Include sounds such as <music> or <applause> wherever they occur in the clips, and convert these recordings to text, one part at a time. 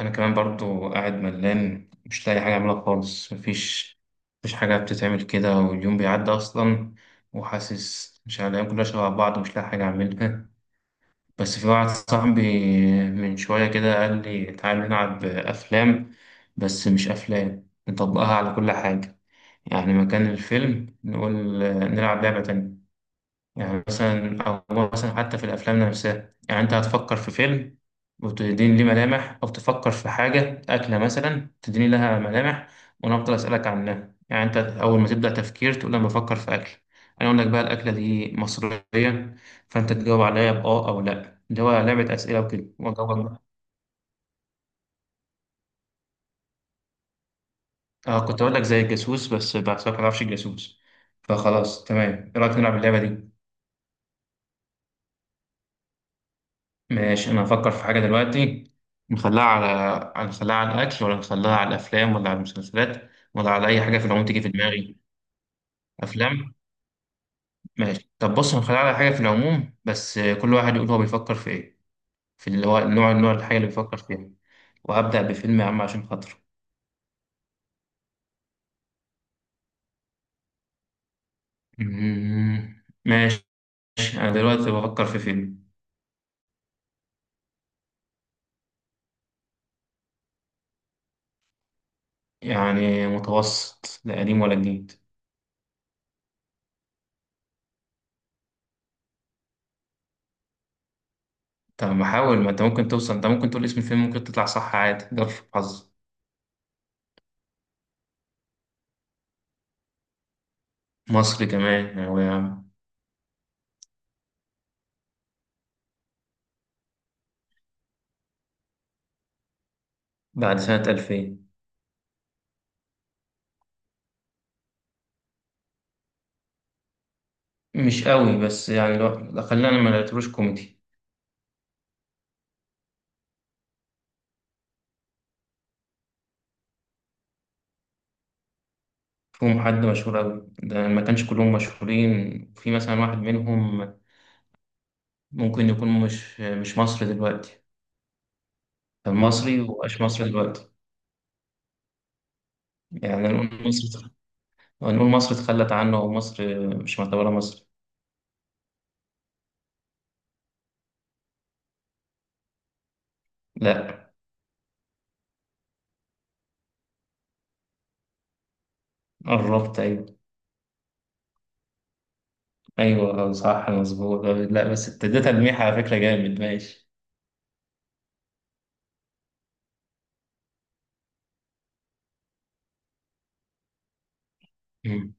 انا كمان برضو قاعد ملان، مش لاقي حاجه اعملها خالص. مفيش حاجه بتتعمل كده، واليوم بيعدي اصلا. وحاسس مش عارف، الايام كلها شبه بعض، مش لاقي حاجه اعملها. <laughs> بس في واحد صاحبي من شويه كده قال لي تعالى نلعب افلام، بس مش افلام نطبقها على كل حاجه. يعني مكان الفيلم نقول نلعب لعبه تانية. يعني مثلا، أو مثلا، حتى في الأفلام نفسها، يعني أنت هتفكر في فيلم وتديني ليه ملامح، أو تفكر في حاجة، أكلة مثلا، تديني لها ملامح، وأنا أفضل أسألك عنها. يعني أنت أول ما تبدأ تفكير تقول أنا بفكر في أكل، أنا أقول لك بقى الأكلة دي مصرية، فأنت تجاوب عليا بأه أو لأ، اللي هو لعبة أسئلة وكده، وأجاوبك بقى. أه، كنت أقول لك زي الجاسوس بس بحسك ما تعرفش الجاسوس. فخلاص، تمام، إيه رأيك نلعب اللعبة دي؟ ماشي، انا هفكر في حاجه دلوقتي. نخليها على الاكل، ولا نخليها على الافلام، ولا على المسلسلات، ولا على اي حاجه في العموم تيجي في دماغي؟ افلام. ماشي، طب بص، هنخليها على حاجه في العموم بس كل واحد يقول هو بيفكر في ايه، في اللي هو النوع الحاجه اللي بيفكر فيها. وهبدا بفيلم يا عم عشان خاطره. ماشي. انا دلوقتي بفكر في فيلم. يعني متوسط، لا قديم ولا جديد. طب ما حاول، ما انت ممكن توصل، انت ممكن تقول اسم الفيلم، ممكن تطلع صح عادي، جرب حظك. مصر كمان هو يا عم. بعد سنة 2000. مش قوي، بس يعني لو لا، خلينا ما نعتبروش كوميدي. فيهم حد مشهور قوي، ده ما كانش كلهم مشهورين، في مثلا واحد منهم ممكن يكون مش مصري دلوقتي. كان مصري ومبقاش مصري دلوقتي. يعني نقول مصر اتخلت عنه، أو مصر مش معتبرة مصر. لا. قربت، أيوه. أيوه صح مظبوط. لا، بس ابتديت تلميح على فكرة جامد. ماشي. مم.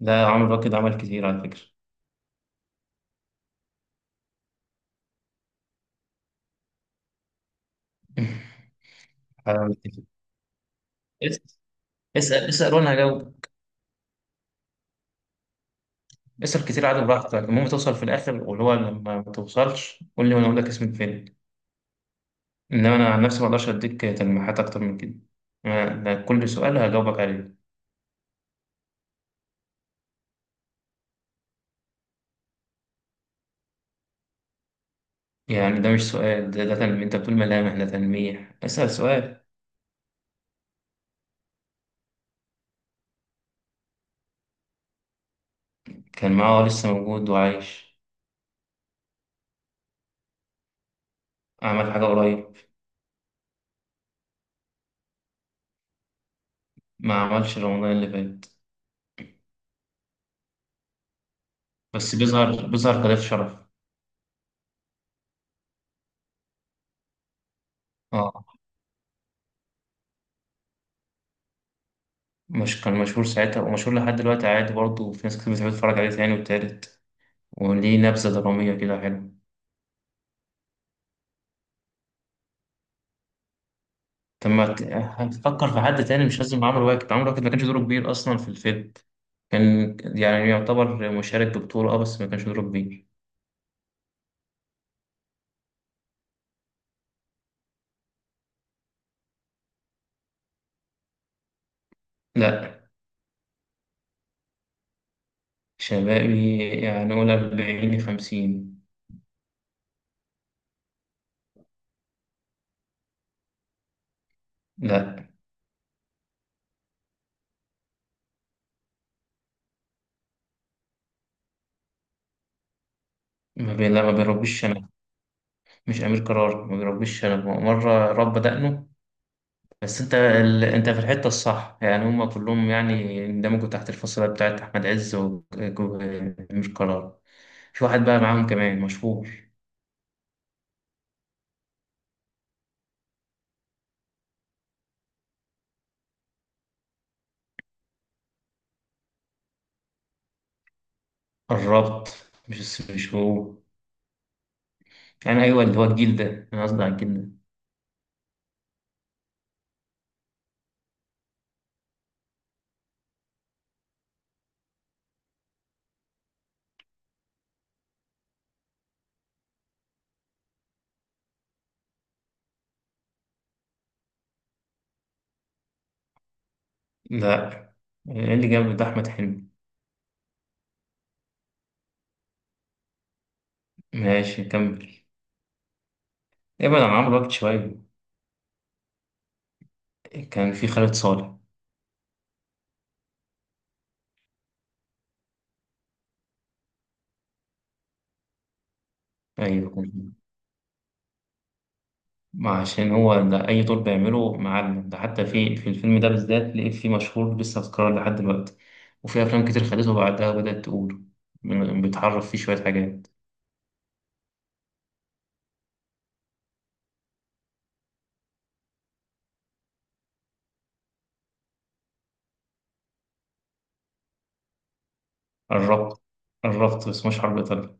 لا، عمرو راكد عمل كتير على فكرة. <laughs> اس- اسال وانا هجاوب. اسال كتير عادي براحتك، المهم توصل في الاخر، واللي هو لما ما توصلش قول لي وانا اقول لك اسم الفيلم. انما انا عن نفسي ما اقدرش اديك تلميحات اكتر من كده. ده كل سؤال هجاوبك عليه. يعني ده مش سؤال، ده تلميح. انت بتقول ملامح ده تلميح. اسال سؤال. كان معاه، لسه موجود وعايش. عمل حاجه قريب. ما عملش رمضان اللي فات. بس بيظهر كضيف شرف. اه. مش كان مشهور ساعتها ومشهور لحد دلوقتي عادي برضه، وفي ناس كتير بتحب تتفرج عليه تاني والتالت، وليه نبذة درامية كده حلوة. طب ما ت- هتفكر في حد تاني، مش لازم عمرو واكد ما كانش دوره كبير أصلا في الفيلم. كان يعني يعتبر مشارك ببطولة، اه، بس ما كانش دوره كبير. لا. شبابي، يعني قول 40 50. لا، ما بيربيش شنب. مش أمير قرار، ما بيربيش شنب، هو مرة رب دقنه. بس انت في الحتة الصح، يعني هما كلهم يعني اندمجوا تحت الفصيلة بتاعت أحمد عز وأمير قرار. في واحد بقى معاهم كمان مشهور. قربت. مش هو. يعني أيوه، اللي هو الجيل ده أنا قصدي على الجيل ده. لا. اللي جنب ده أحمد حلمي. ماشي، كمل. ابعد عن عمرو واكد شوية. كان في خالد صالح. أيوه كان. ما عشان هو ده، أي دور بيعمله معلم، ده حتى في الفيلم ده بالذات لقيت فيه مشهور لسه أذكره لحد دلوقتي. وفي أفلام كتير خدته بعدها بدأت تقوله. بيتعرف فيه شوية حاجات. قربت قربت، بس مش حرب إيطاليا.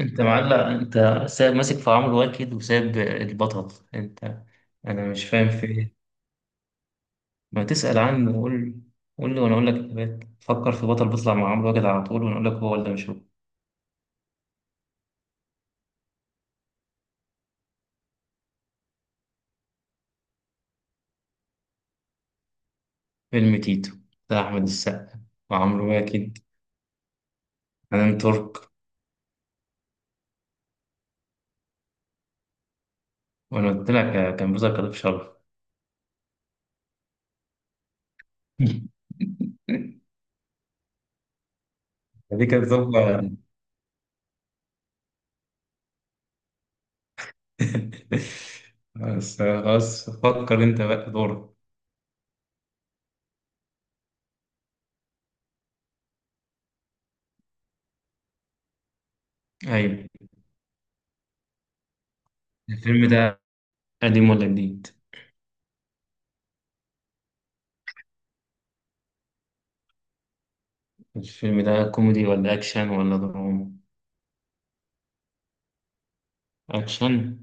انت معلق، انت سايب ماسك في عمرو واكد وسايب البطل. انت. انا مش فاهم في ايه. ما تسأل عنه وقول، قول لي وانا اقول لك اجابات. فكر في بطل بيطلع مع عمرو واكد على طول وانا اقول لك هو ولا مش هو. فيلم تيتو بتاع احمد السقا وعمرو واكد. حنان ترك، وانا قلت لك كان بيظهر كضيف شرف. <laughs> دي كانت ظابطة. <laughs> بس خلاص، فكر انت بقى دورك. ايوه. الفيلم ده قديم ولا جديد؟ الفيلم ده كوميدي ولا أكشن ولا دراما؟ أكشن.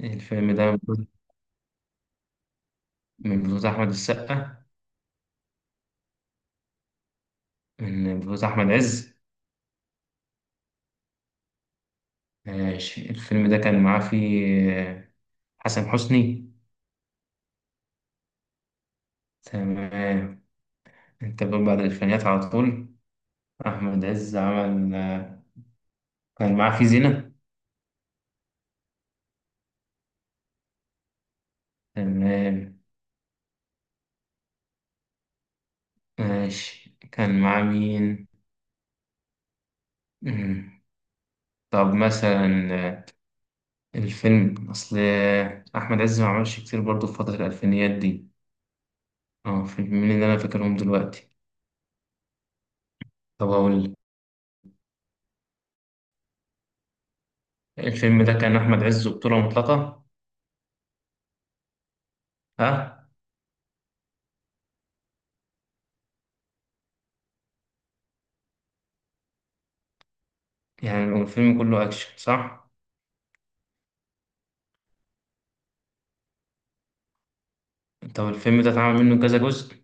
الفيلم ده من بطولة أحمد السقا؟ من بطولة أحمد عز؟ ماشي، الفيلم ده كان معاه فيه حسن حسني؟ تمام. أنت بتقول بعد الألفينيات على طول. أحمد عز عمل، كان معاه فيه زينة؟ تمام. ماشي. كان معاه مين؟ مم. طب مثلا، الفيلم أصل، أحمد عز ما عملش كتير برضه في فترة الألفينيات دي. اه، فيلمين اللي انا فاكرهم دلوقتي. طب اقول لك. الفيلم ده كان احمد عز وبطولة مطلقة؟ ها؟ يعني الفيلم كله اكشن، صح؟ طب الفيلم ده اتعمل منه كذا جزء؟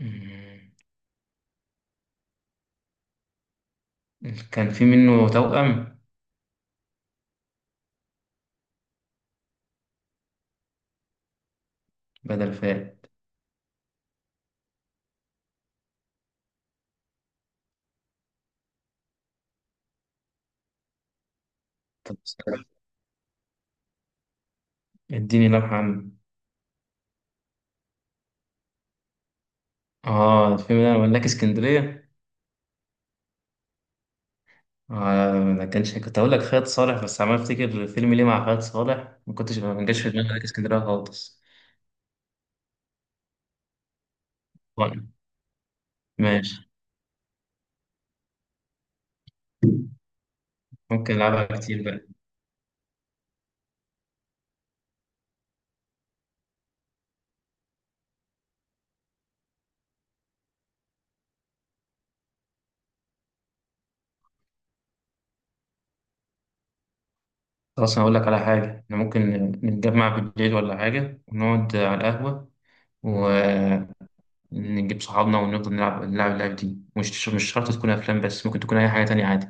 مم. كان في منه توأم؟ بدل فات؟ طب استنى. اديني لمحة عنه. اه، الفيلم ده ملاك اسكندرية. آه ما كانش، كنت اقول لك خالد صالح بس عمال افتكر فيلم ليه مع خالد صالح، ما كنتش ما جاش في دماغي ملاك اسكندرية خالص. طيب، ماشي. ممكن العبها كتير بقى. خلاص، أنا أقول لك على حاجة، إحنا ممكن نتجمع بالليل ولا حاجة ونقعد على القهوة ونجيب صحابنا ونفضل نلعب اللعبة دي. مش شرط تكون أفلام، بس ممكن تكون أي حاجة تانية عادي